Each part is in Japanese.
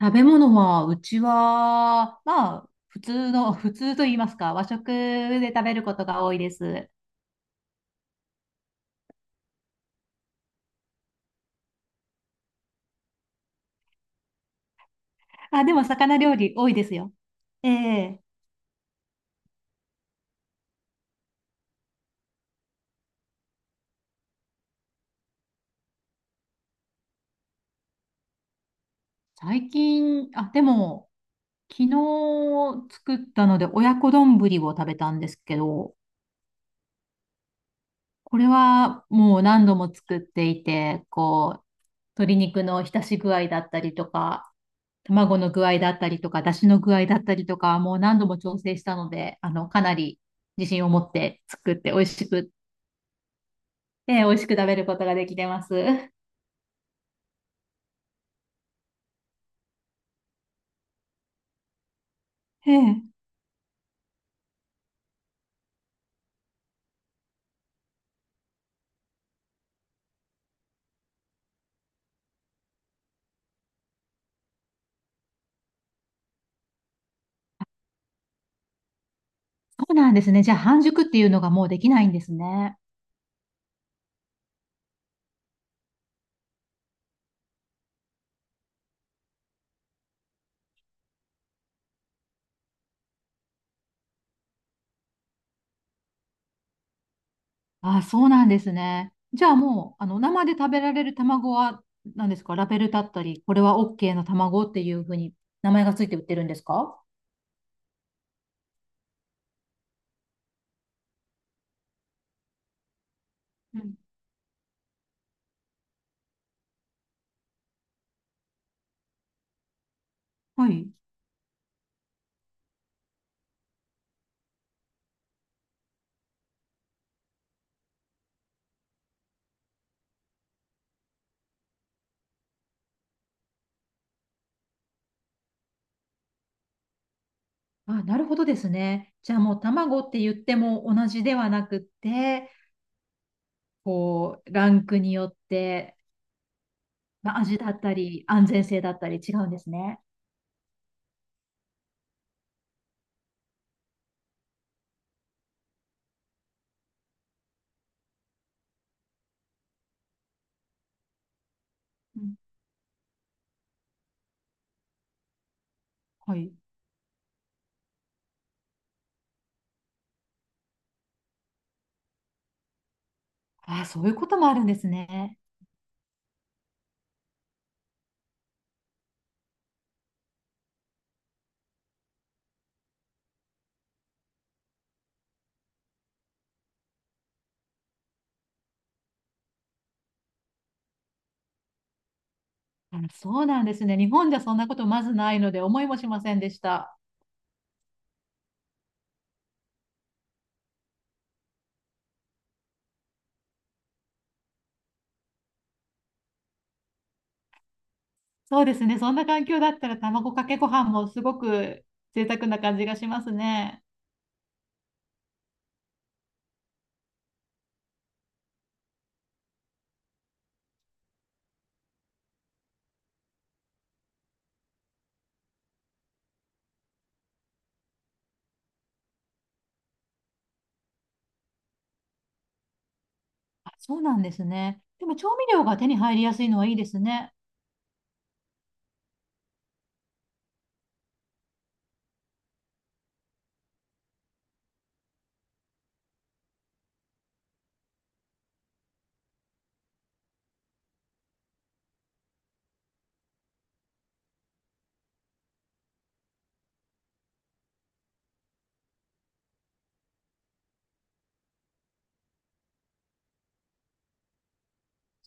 食べ物は、うちは、まあ、普通の、普通と言いますか、和食で食べることが多いです。あ、でも、魚料理多いですよ。ええ。最近、あ、でも、昨日作ったので、親子丼を食べたんですけど、これはもう何度も作っていて、こう、鶏肉の浸し具合だったりとか、卵の具合だったりとか、出汁の具合だったりとか、もう何度も調整したので、あの、かなり自信を持って作って美味しく、ええ、美味しく食べることができてます。ええ、そうなんですね。じゃあ半熟っていうのがもうできないんですね。ああ、そうなんですね。じゃあもう、あの、生で食べられる卵は何ですか、ラベルだったり、これは OK の卵っていうふうに名前がついて売ってるんですか。うん。はい。あ、なるほどですね。じゃあもう卵って言っても同じではなくって、こう、ランクによって、まあ、味だったり、安全性だったり違うんですね。うん、はい。ああ、そういうこともあるんですね。あ、そうなんですね。日本じゃそんなことまずないので、思いもしませんでした。そうですね。そんな環境だったら、卵かけご飯もすごく贅沢な感じがしますね。あ、そうなんですね。でも調味料が手に入りやすいのはいいですね。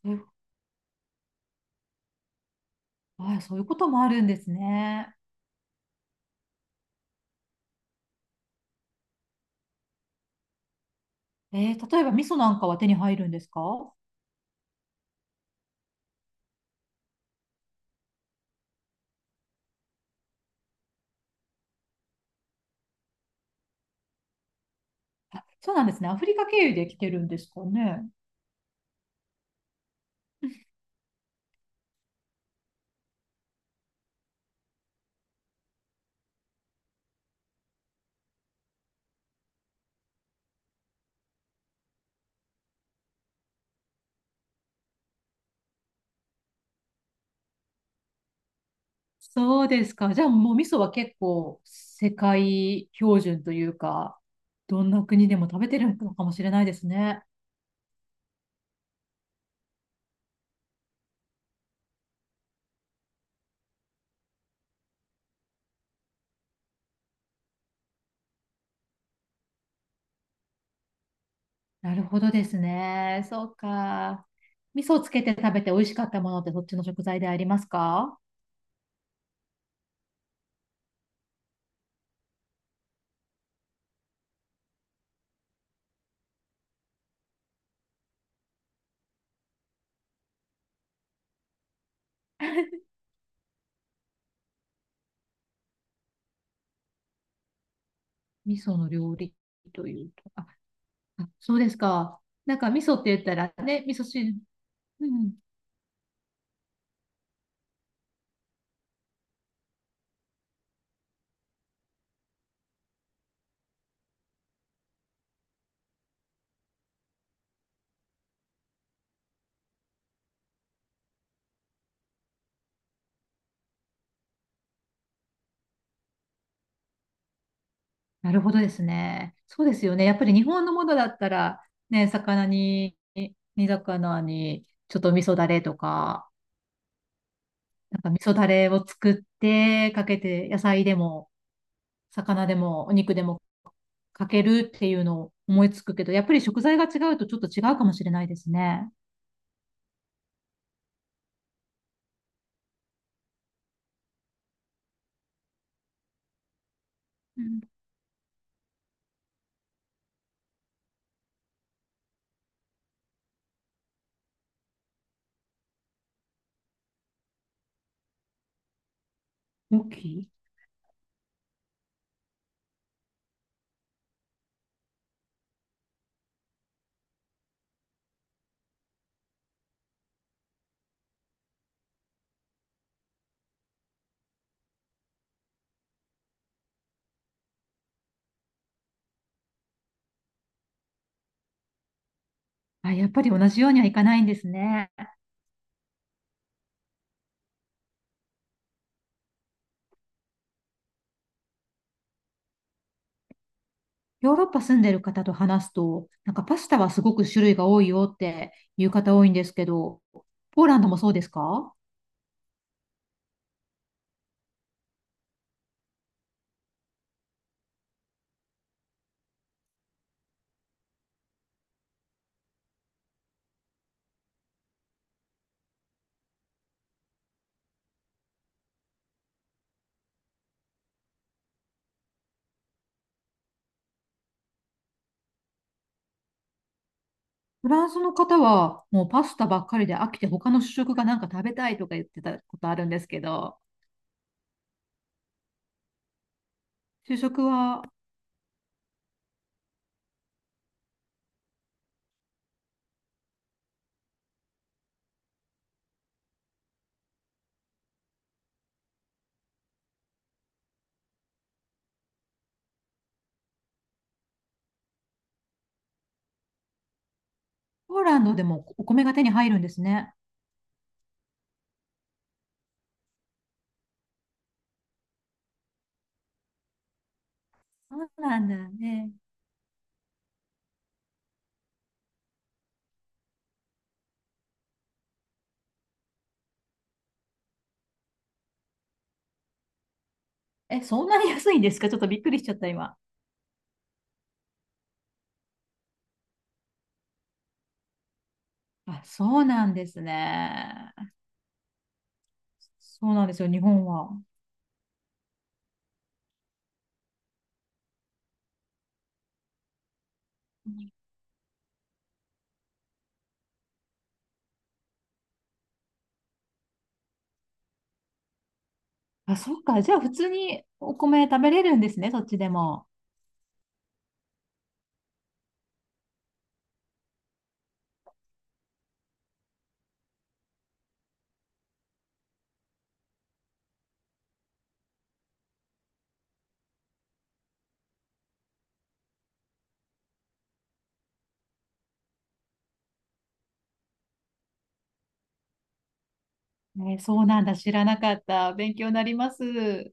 そういう、あ、そういうこともあるんですね。えー、例えば味噌なんかは手に入るんですか。あ、そうなんですね。アフリカ経由で来てるんですかね。そうですか。じゃあもう味噌は結構世界標準というか、どんな国でも食べてるのかもしれないですね。なるほどですね。そうか。味噌をつけて食べて美味しかったものってそっちの食材でありますか。味噌の料理というと。あ、あそうですか。なんか味噌って言ったらね、味噌汁。うん。なるほどですね。そうですよね。やっぱり日本のものだったら、ね、魚に、煮魚に、ちょっと味噌だれとか、なんか味噌だれを作ってかけて、野菜でも、魚でも、お肉でもかけるっていうのを思いつくけど、やっぱり食材が違うとちょっと違うかもしれないですね。うん。大きい。あ、やっぱり同じようにはいかないんですね。ヨーロッパ住んでる方と話すと、なんかパスタはすごく種類が多いよっていう方多いんですけど、ポーランドもそうですか。フランスの方はもうパスタばっかりで飽きて他の主食がなんか食べたいとか言ってたことあるんですけど、主食は。ポーランドでもお米が手に入るんですね。そうなんだね。え、そんなに安いんですか。ちょっとびっくりしちゃった今。あ、そうなんですね。そうなんですよ、日本は。あ、そっか。じゃあ普通にお米食べれるんですね、そっちでも。ね、そうなんだ。知らなかった。勉強になります。